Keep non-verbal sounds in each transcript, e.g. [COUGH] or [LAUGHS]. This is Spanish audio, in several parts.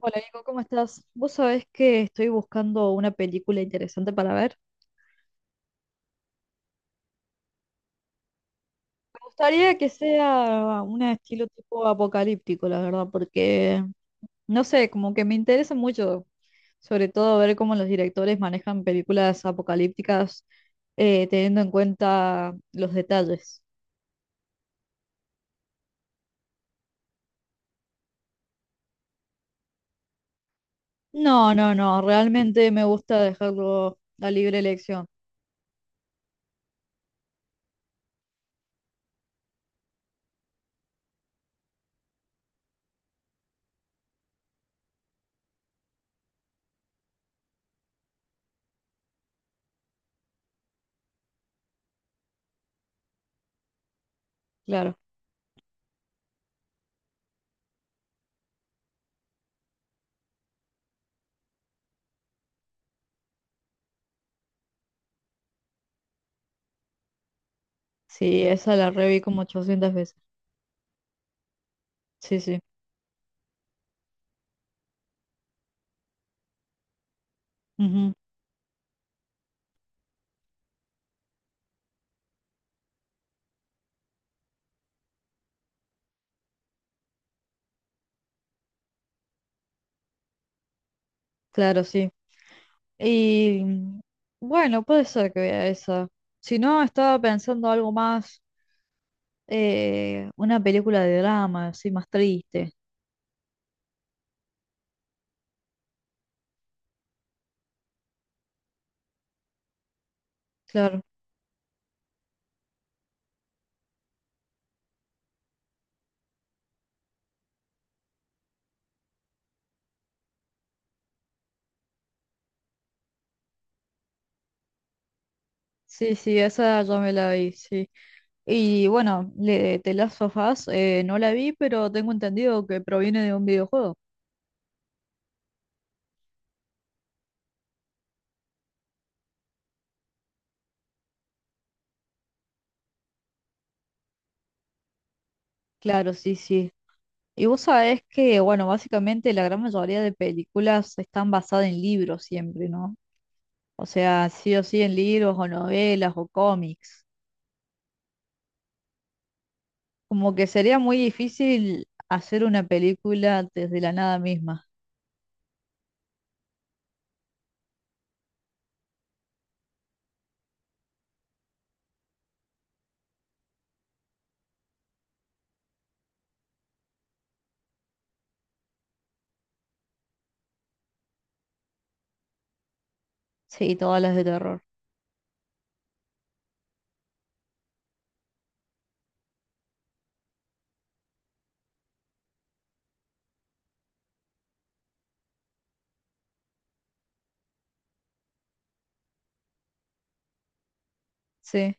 Hola, Nico, ¿cómo estás? Vos sabés que estoy buscando una película interesante para ver. Me gustaría que sea un estilo tipo apocalíptico, la verdad, porque no sé, como que me interesa mucho, sobre todo ver cómo los directores manejan películas apocalípticas teniendo en cuenta los detalles. No, no, no, realmente me gusta dejarlo a libre elección, claro. Sí, esa la reví como 800 veces. Sí, sí. Claro, sí. Y bueno, puede ser que vea esa. Si no, estaba pensando algo más, una película de drama, así más triste. Claro. Sí, sí, esa ya me la vi, sí. Y bueno, le, The Last of Us, no la vi, pero tengo entendido que proviene de un videojuego. Claro, sí, sí. Y vos sabés que, bueno, básicamente la gran mayoría de películas están basadas en libros siempre, ¿no? O sea, sí o sí en libros o novelas o cómics. Como que sería muy difícil hacer una película desde la nada misma. Sí, todas las de terror. Sí.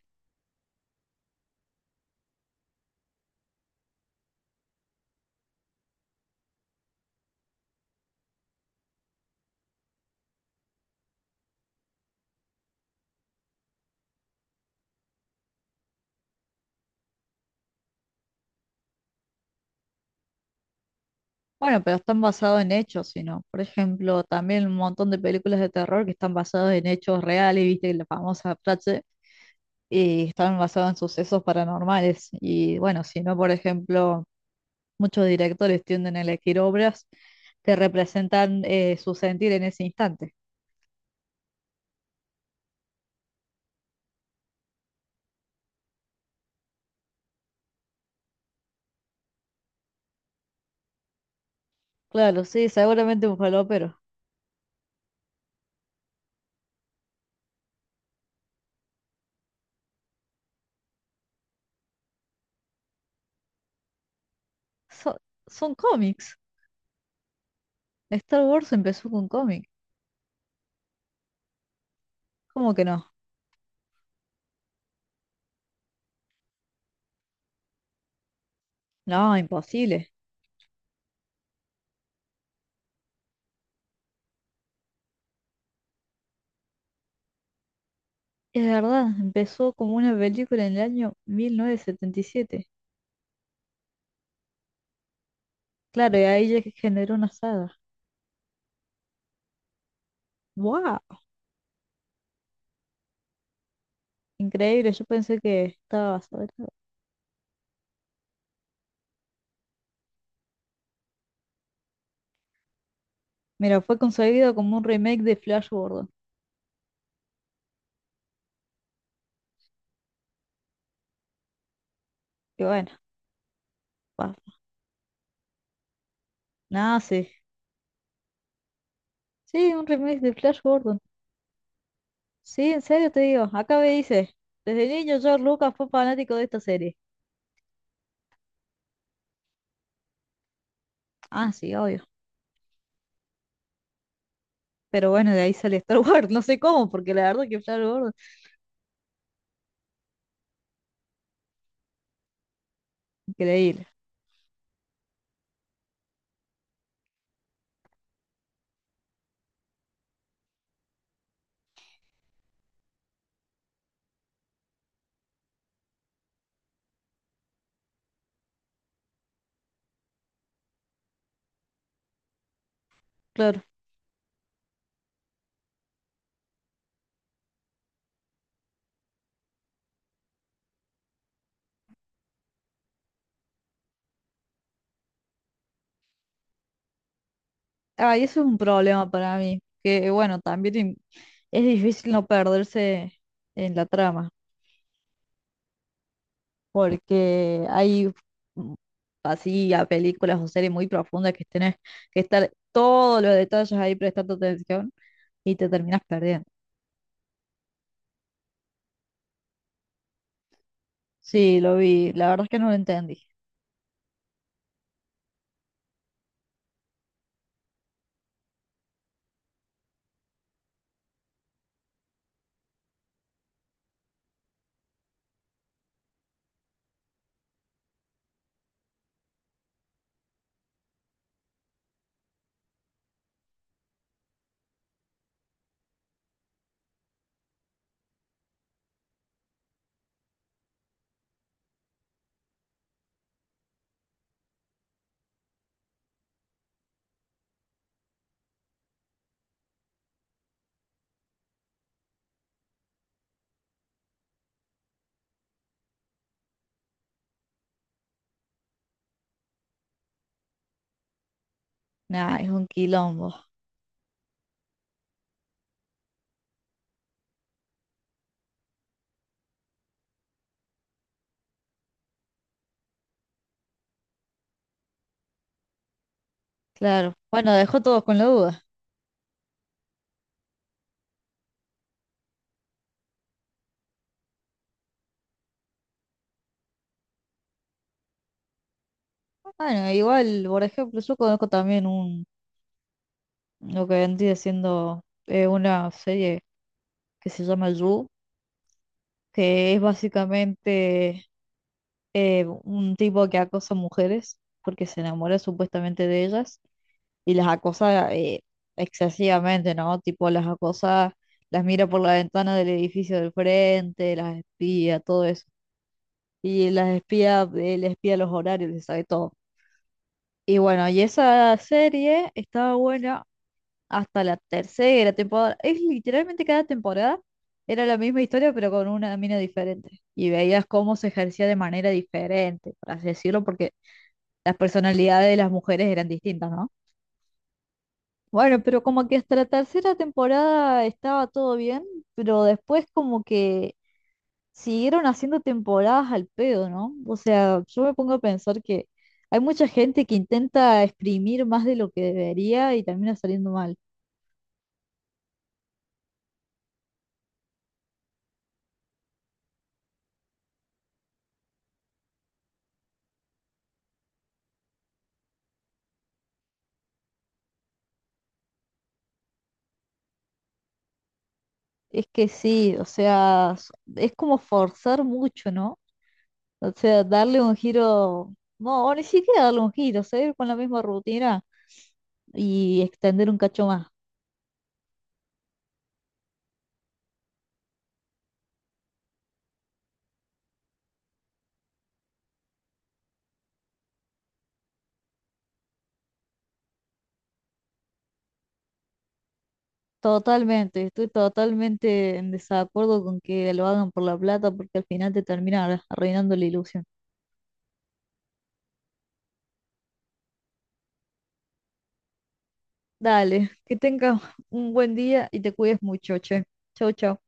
Bueno, pero están basados en hechos, sino, por ejemplo, también un montón de películas de terror que están basadas en hechos reales, viste, la famosa frase, y están basadas en sucesos paranormales. Y bueno, si no, por ejemplo, muchos directores tienden a elegir obras que representan su sentir en ese instante. Claro, sí, seguramente un falopero. So- son cómics. Star Wars empezó con cómic. ¿Cómo que no? No, imposible. Es verdad, empezó como una película en el año 1977. Claro, y ahí ya que generó una saga. ¡Wow! Increíble, yo pensé que estaba basado en algo. Mira, fue concebido como un remake de Flash Gordon. Y bueno, pasa. Nada, sí. Sí, un remake de Flash Gordon. Sí, en serio te digo. Acá me dice, desde niño George Lucas fue fanático de esta serie. Ah, sí, obvio. Pero bueno, de ahí sale Star Wars, [LAUGHS] no sé cómo, porque la verdad que Star Wars, increíble, claro. Ah, y eso es un problema para mí, que bueno, también es difícil no perderse en la trama, porque hay mm, así a películas o series muy profundas que tenés que estar todos los detalles ahí prestando atención y te terminas perdiendo. Sí, lo vi, la verdad es que no lo entendí. Nah, es un quilombo, claro. Bueno, dejó todos con la duda. Bueno, igual, por ejemplo, yo conozco también un lo que vendría siendo una serie que se llama You, que es básicamente un tipo que acosa mujeres porque se enamora supuestamente de ellas y las acosa excesivamente, ¿no? Tipo las acosa, las mira por la ventana del edificio del frente, las espía, todo eso. Y las espía, él espía los horarios, les sabe todo. Y bueno, y esa serie estaba buena hasta la tercera temporada. Es literalmente cada temporada era la misma historia, pero con una mina diferente. Y veías cómo se ejercía de manera diferente, por así decirlo, porque las personalidades de las mujeres eran distintas, ¿no? Bueno, pero como que hasta la tercera temporada estaba todo bien, pero después como que siguieron haciendo temporadas al pedo, ¿no? O sea, yo me pongo a pensar que hay mucha gente que intenta exprimir más de lo que debería y termina saliendo mal. Es que sí, o sea, es como forzar mucho, ¿no? O sea, darle un giro, no, o ni siquiera darle un giro, seguir con la misma rutina y extender un cacho más. Totalmente, estoy totalmente en desacuerdo con que lo hagan por la plata porque al final te termina arruinando la ilusión. Dale, que tengas un buen día y te cuides mucho, che. Chau, chau.